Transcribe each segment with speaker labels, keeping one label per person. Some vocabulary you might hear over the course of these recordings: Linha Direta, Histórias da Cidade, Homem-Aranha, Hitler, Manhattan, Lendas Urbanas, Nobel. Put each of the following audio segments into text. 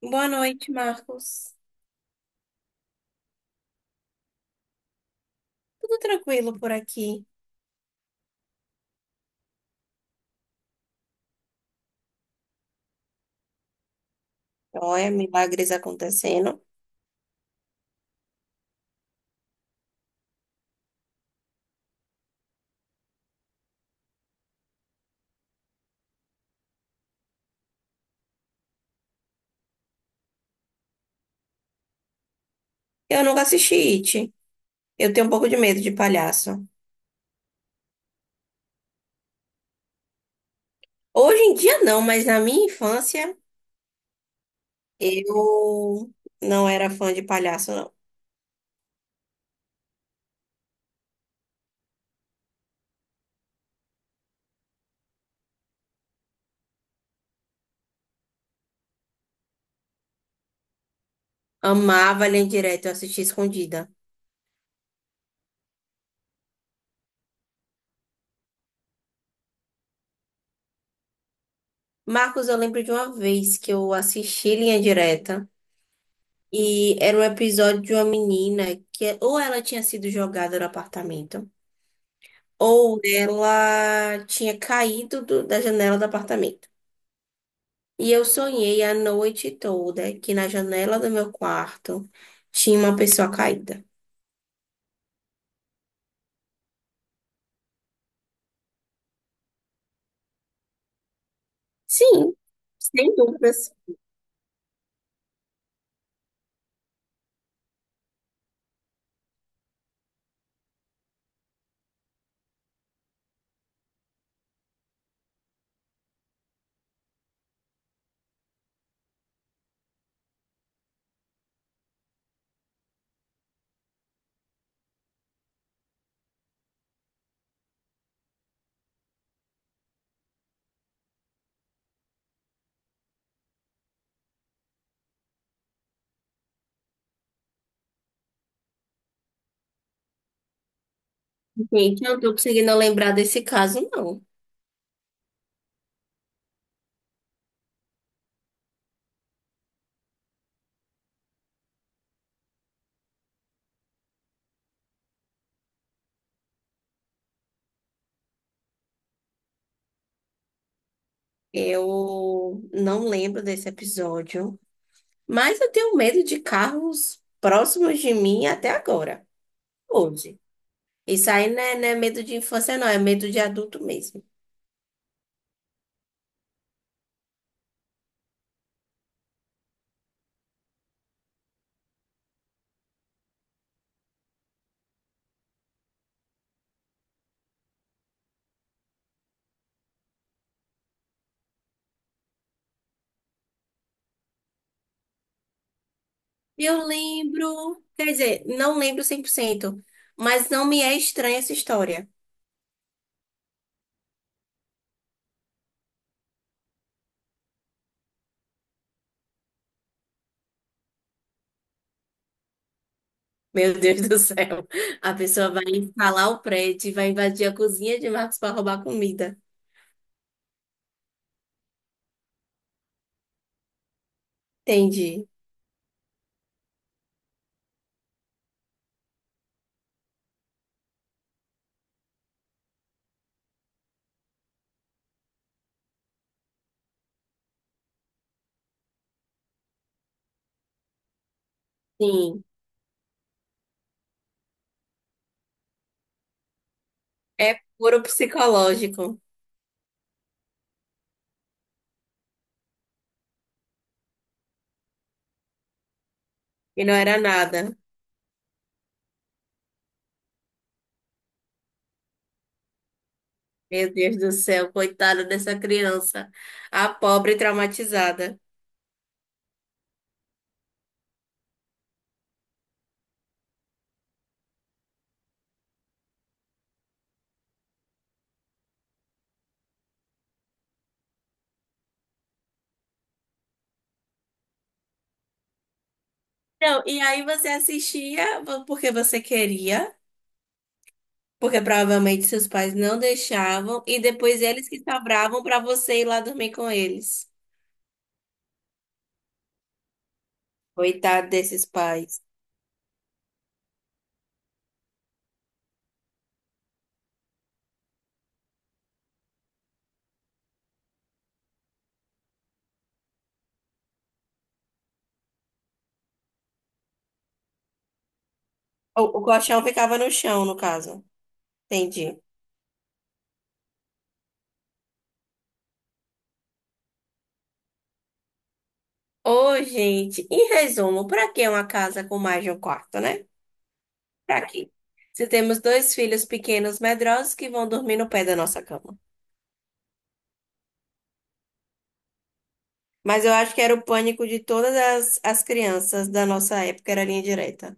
Speaker 1: Boa noite, Marcos. Tudo tranquilo por aqui. Olha, milagres acontecendo. Eu nunca assisti It. Eu tenho um pouco de medo de palhaço. Hoje em dia não, mas na minha infância eu não era fã de palhaço, não. Amava Linha Direta, eu assistia escondida. Marcos, eu lembro de uma vez que eu assisti Linha Direta e era um episódio de uma menina que ou ela tinha sido jogada no apartamento. Ou ela tinha caído da janela do apartamento. E eu sonhei a noite toda que na janela do meu quarto tinha uma pessoa caída. Sim, sem dúvidas. Gente, eu não tô conseguindo lembrar desse caso, não. Eu não lembro desse episódio, mas eu tenho medo de carros próximos de mim até agora, hoje. Isso aí não é, não é medo de infância, não, é medo de adulto mesmo. Eu lembro, quer dizer, não lembro 100%, mas não me é estranha essa história. Meu Deus do céu. A pessoa vai instalar o prédio e vai invadir a cozinha de Marcos para roubar comida. Entendi. Sim, é puro psicológico. E não era nada. Meu Deus do céu, coitada dessa criança. A pobre traumatizada. Não, e aí você assistia porque você queria. Porque provavelmente seus pais não deixavam e depois eles que sobravam para você ir lá dormir com eles. Coitado desses pais. O colchão ficava no chão, no caso. Entendi. Ô, gente, em resumo, para que uma casa com mais de um quarto, né? Para quê? Se temos dois filhos pequenos medrosos que vão dormir no pé da nossa cama. Mas eu acho que era o pânico de todas as crianças da nossa época, era a linha direta.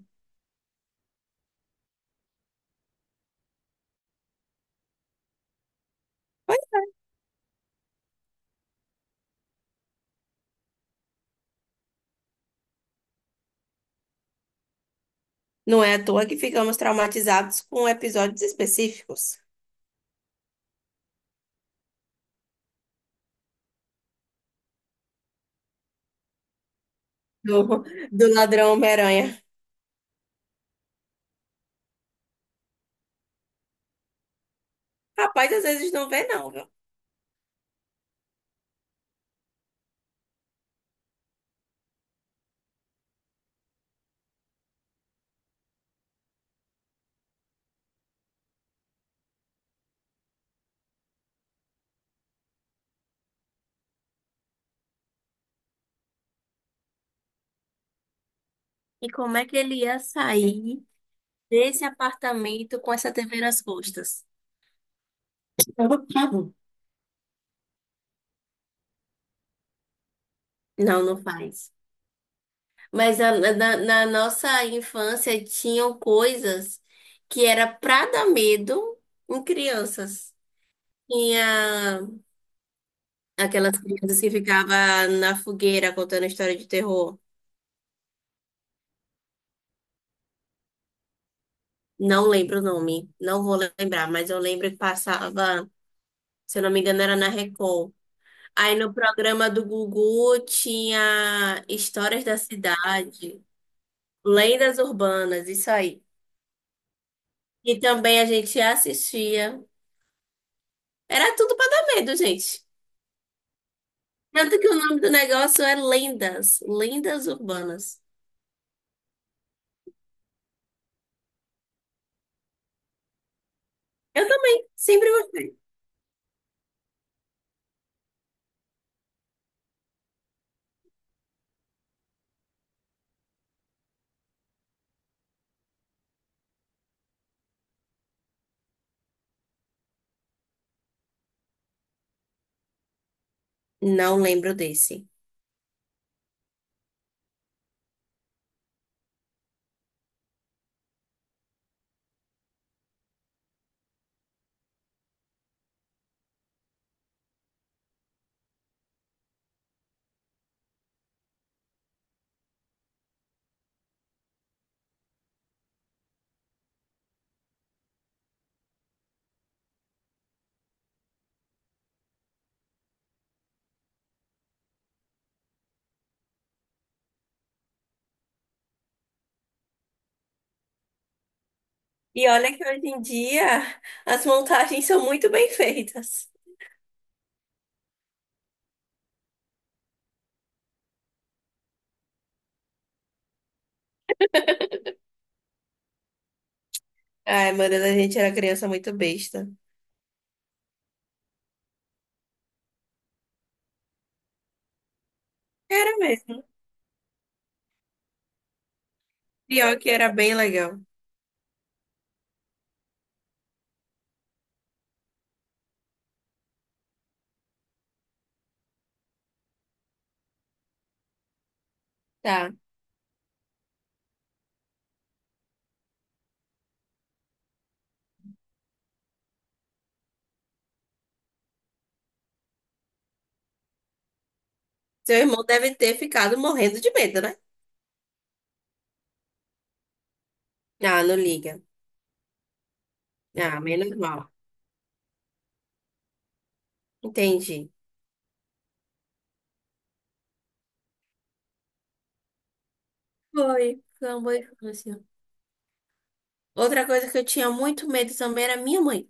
Speaker 1: Não é à toa que ficamos traumatizados com episódios específicos. Do, do ladrão Homem-Aranha. Rapaz, às vezes não vê, não, viu? E como é que ele ia sair desse apartamento com essa TV nas costas? Não, não faz. Na nossa infância tinham coisas que era pra dar medo em crianças. Tinha aquelas crianças que ficavam na fogueira contando história de terror. Não lembro o nome, não vou lembrar, mas eu lembro que passava, se eu não me engano, era na Record. Aí no programa do Gugu tinha Histórias da Cidade, Lendas Urbanas, isso aí. E também a gente assistia. Era tudo pra dar medo, gente. Tanto que o nome do negócio é Lendas, Lendas Urbanas. Eu também, sempre gostei. Não lembro desse. E olha que hoje em dia as montagens são muito bem feitas. Ai, meu Deus, a gente era criança muito besta. Era mesmo. Pior que era bem legal. Tá. Seu irmão deve ter ficado morrendo de medo, né? Ah, não liga. Ah, menos mal. Entendi. Foi, foi uma boa infância. Outra coisa que eu tinha muito medo também era minha mãe.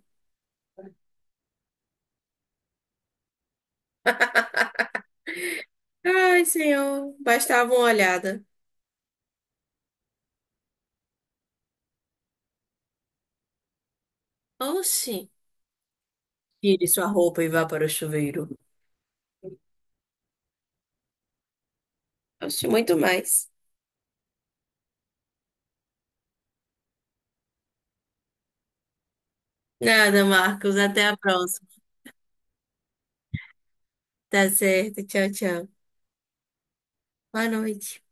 Speaker 1: Ai, senhor, bastava uma olhada. Oxi, tire sua roupa e vá para o chuveiro. Oxe, muito mais. Nada, Marcos. Até a próxima. Tá certo. Tchau, tchau. Boa noite.